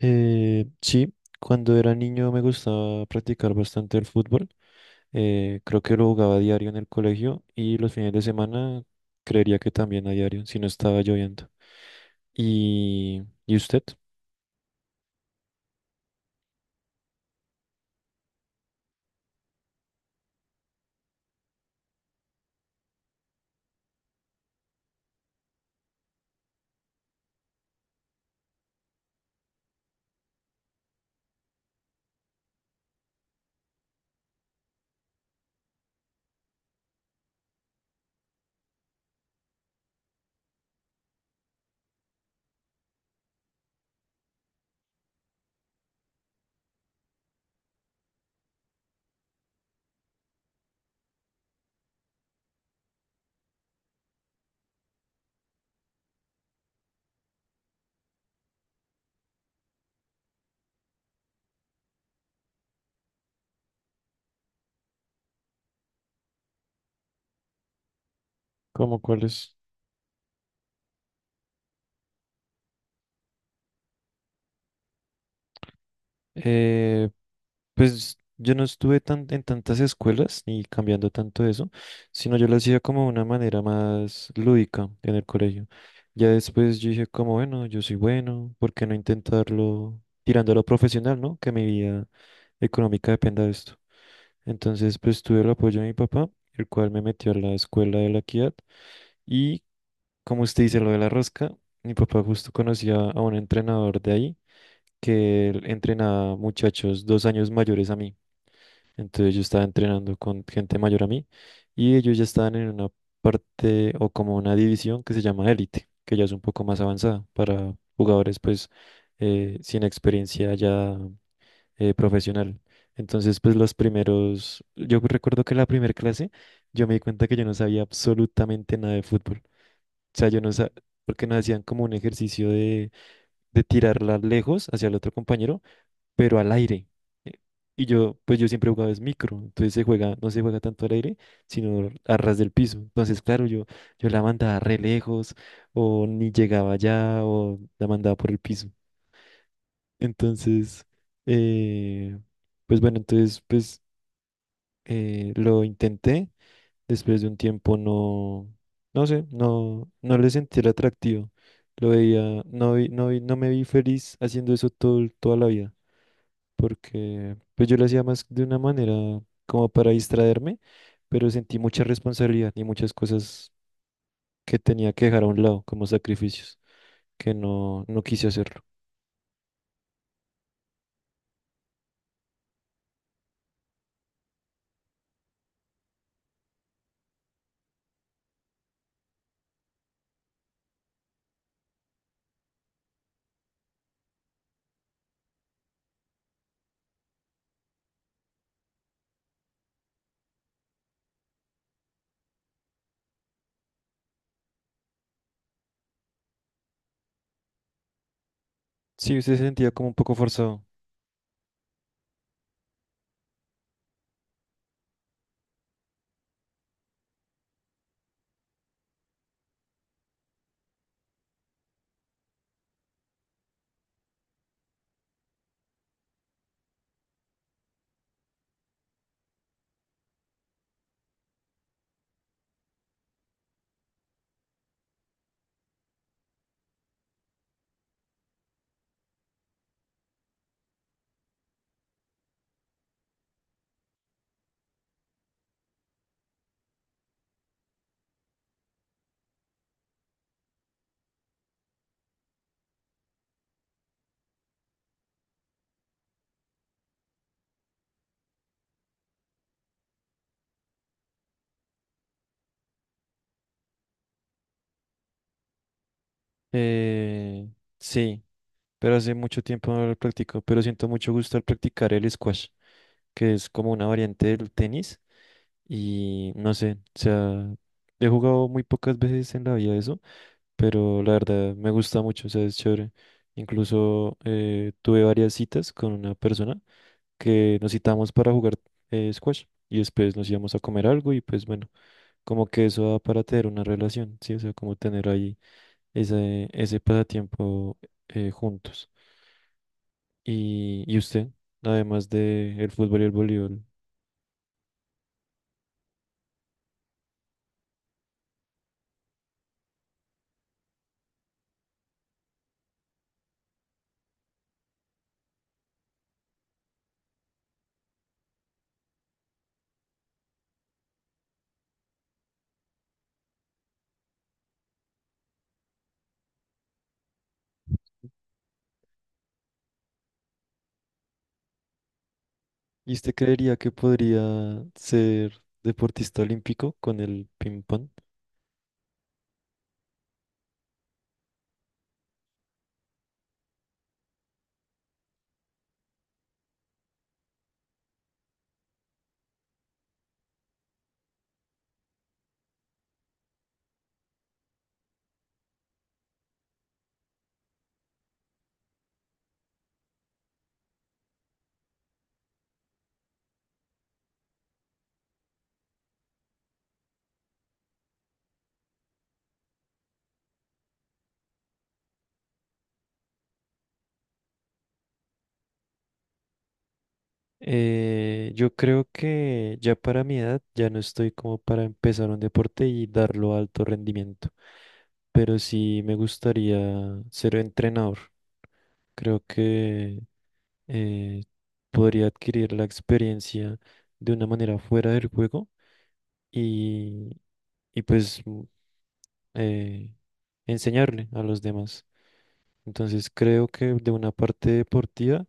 Sí, cuando era niño me gustaba practicar bastante el fútbol. Creo que lo jugaba a diario en el colegio y los fines de semana creería que también a diario, si no estaba lloviendo. ¿Y usted? ¿Cómo cuáles? Pues yo no estuve tan, en tantas escuelas ni cambiando tanto eso, sino yo lo hacía como de una manera más lúdica en el colegio. Ya después yo dije como, bueno, yo soy bueno, ¿por qué no intentarlo tirando a lo profesional, ¿no? Que mi vida económica dependa de esto. Entonces, pues tuve el apoyo de mi papá, el cual me metió a la escuela de la Equidad y, como usted dice, lo de la rosca, mi papá justo conocía a un entrenador de ahí que él entrenaba muchachos dos años mayores a mí. Entonces yo estaba entrenando con gente mayor a mí y ellos ya estaban en una parte o como una división que se llama élite, que ya es un poco más avanzada para jugadores pues sin experiencia ya profesional. Entonces pues los primeros, yo recuerdo que la primera clase yo me di cuenta que yo no sabía absolutamente nada de fútbol. O sea, yo no sabía, porque nos hacían como un ejercicio de tirarla lejos hacia el otro compañero pero al aire. Eh, Y yo, pues yo siempre he jugado es micro, entonces se juega, no se juega tanto al aire, sino a ras del piso. Entonces, claro, yo la mandaba re lejos, o ni llegaba allá, o la mandaba por el piso. Entonces, eh, pues bueno, entonces, pues lo intenté. Después de un tiempo no sé, no le sentí el atractivo. Lo veía, no me vi feliz haciendo eso todo, toda la vida porque pues yo lo hacía más de una manera como para distraerme, pero sentí mucha responsabilidad y muchas cosas que tenía que dejar a un lado como sacrificios, que no quise hacerlo. Sí, usted se sentía como un poco forzado. Eh, sí, pero hace mucho tiempo no lo practico, pero siento mucho gusto al practicar el squash, que es como una variante del tenis y no sé, o sea, he jugado muy pocas veces en la vida eso, pero la verdad me gusta mucho, o sea, es chévere. Incluso tuve varias citas con una persona que nos citamos para jugar squash y después nos íbamos a comer algo y pues bueno, como que eso da para tener una relación, ¿sí? O sea, como tener ahí ese pasatiempo juntos. ¿Y usted, además de el fútbol y el voleibol, ¿y usted creería que podría ser deportista olímpico con el ping pong? Yo creo que ya para mi edad ya no estoy como para empezar un deporte y darlo a alto rendimiento, pero sí me gustaría ser entrenador. Creo que eh, podría adquirir la experiencia de una manera fuera del juego y, y pues eh, enseñarle a los demás. Entonces creo que de una parte deportiva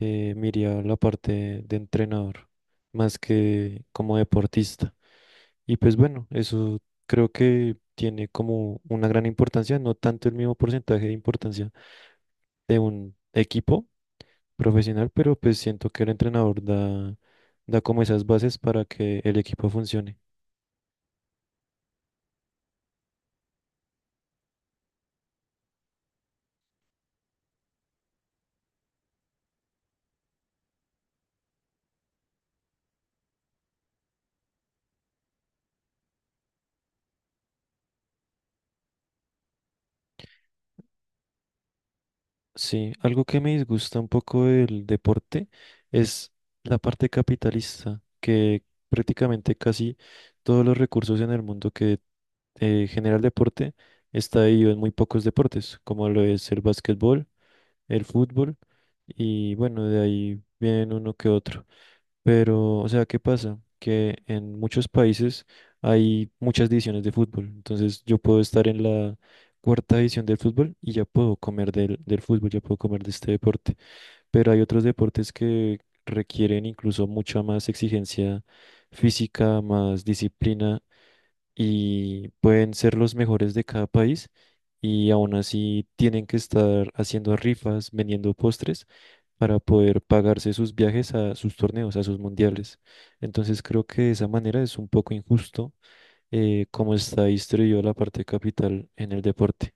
me iría a la parte de entrenador, más que como deportista. Y pues bueno, eso creo que tiene como una gran importancia, no tanto el mismo porcentaje de importancia de un equipo profesional, pero pues siento que el entrenador da, da como esas bases para que el equipo funcione. Sí, algo que me disgusta un poco del deporte es la parte capitalista, que prácticamente casi todos los recursos en el mundo que genera el deporte está dividido en muy pocos deportes, como lo es el básquetbol, el fútbol y bueno, de ahí vienen uno que otro. Pero, o sea, ¿qué pasa? Que en muchos países hay muchas divisiones de fútbol. Entonces yo puedo estar en la cuarta división del fútbol y ya puedo comer del fútbol, ya puedo comer de este deporte. Pero hay otros deportes que requieren incluso mucha más exigencia física, más disciplina y pueden ser los mejores de cada país y aún así tienen que estar haciendo rifas, vendiendo postres para poder pagarse sus viajes a sus torneos, a sus mundiales. Entonces creo que de esa manera es un poco injusto cómo está distribuida la parte capital en el deporte.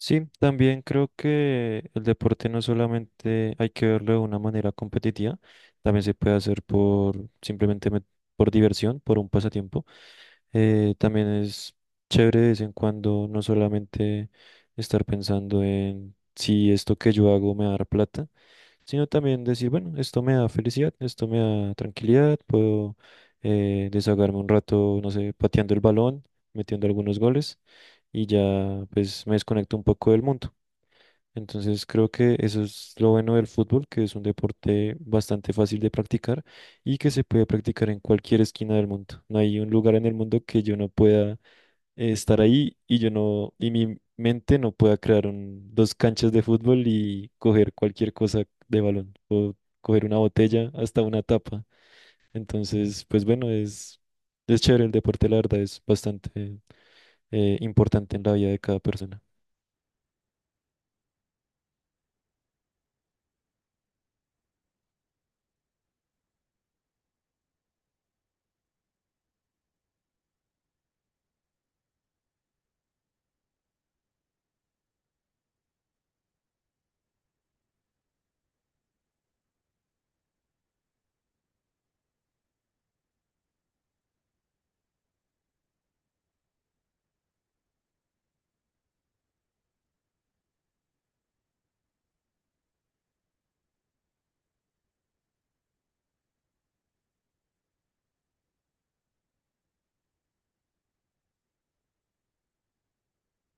Sí, también creo que el deporte no solamente hay que verlo de una manera competitiva, también se puede hacer por simplemente por diversión, por un pasatiempo. También es chévere de vez en cuando no solamente estar pensando en si esto que yo hago me va a dar plata, sino también decir, bueno, esto me da felicidad, esto me da tranquilidad, puedo desahogarme un rato, no sé, pateando el balón, metiendo algunos goles y ya pues me desconecto un poco del mundo. Entonces creo que eso es lo bueno del fútbol, que es un deporte bastante fácil de practicar y que se puede practicar en cualquier esquina del mundo. No hay un lugar en el mundo que yo no pueda estar ahí y yo no, y mi mente no pueda crear dos canchas de fútbol y coger cualquier cosa de balón o coger una botella hasta una tapa. Entonces, pues bueno, es chévere el deporte, la verdad, es bastante importante en la vida de cada persona.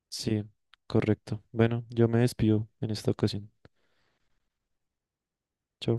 Sí, correcto. Bueno, yo me despido en esta ocasión. Chao.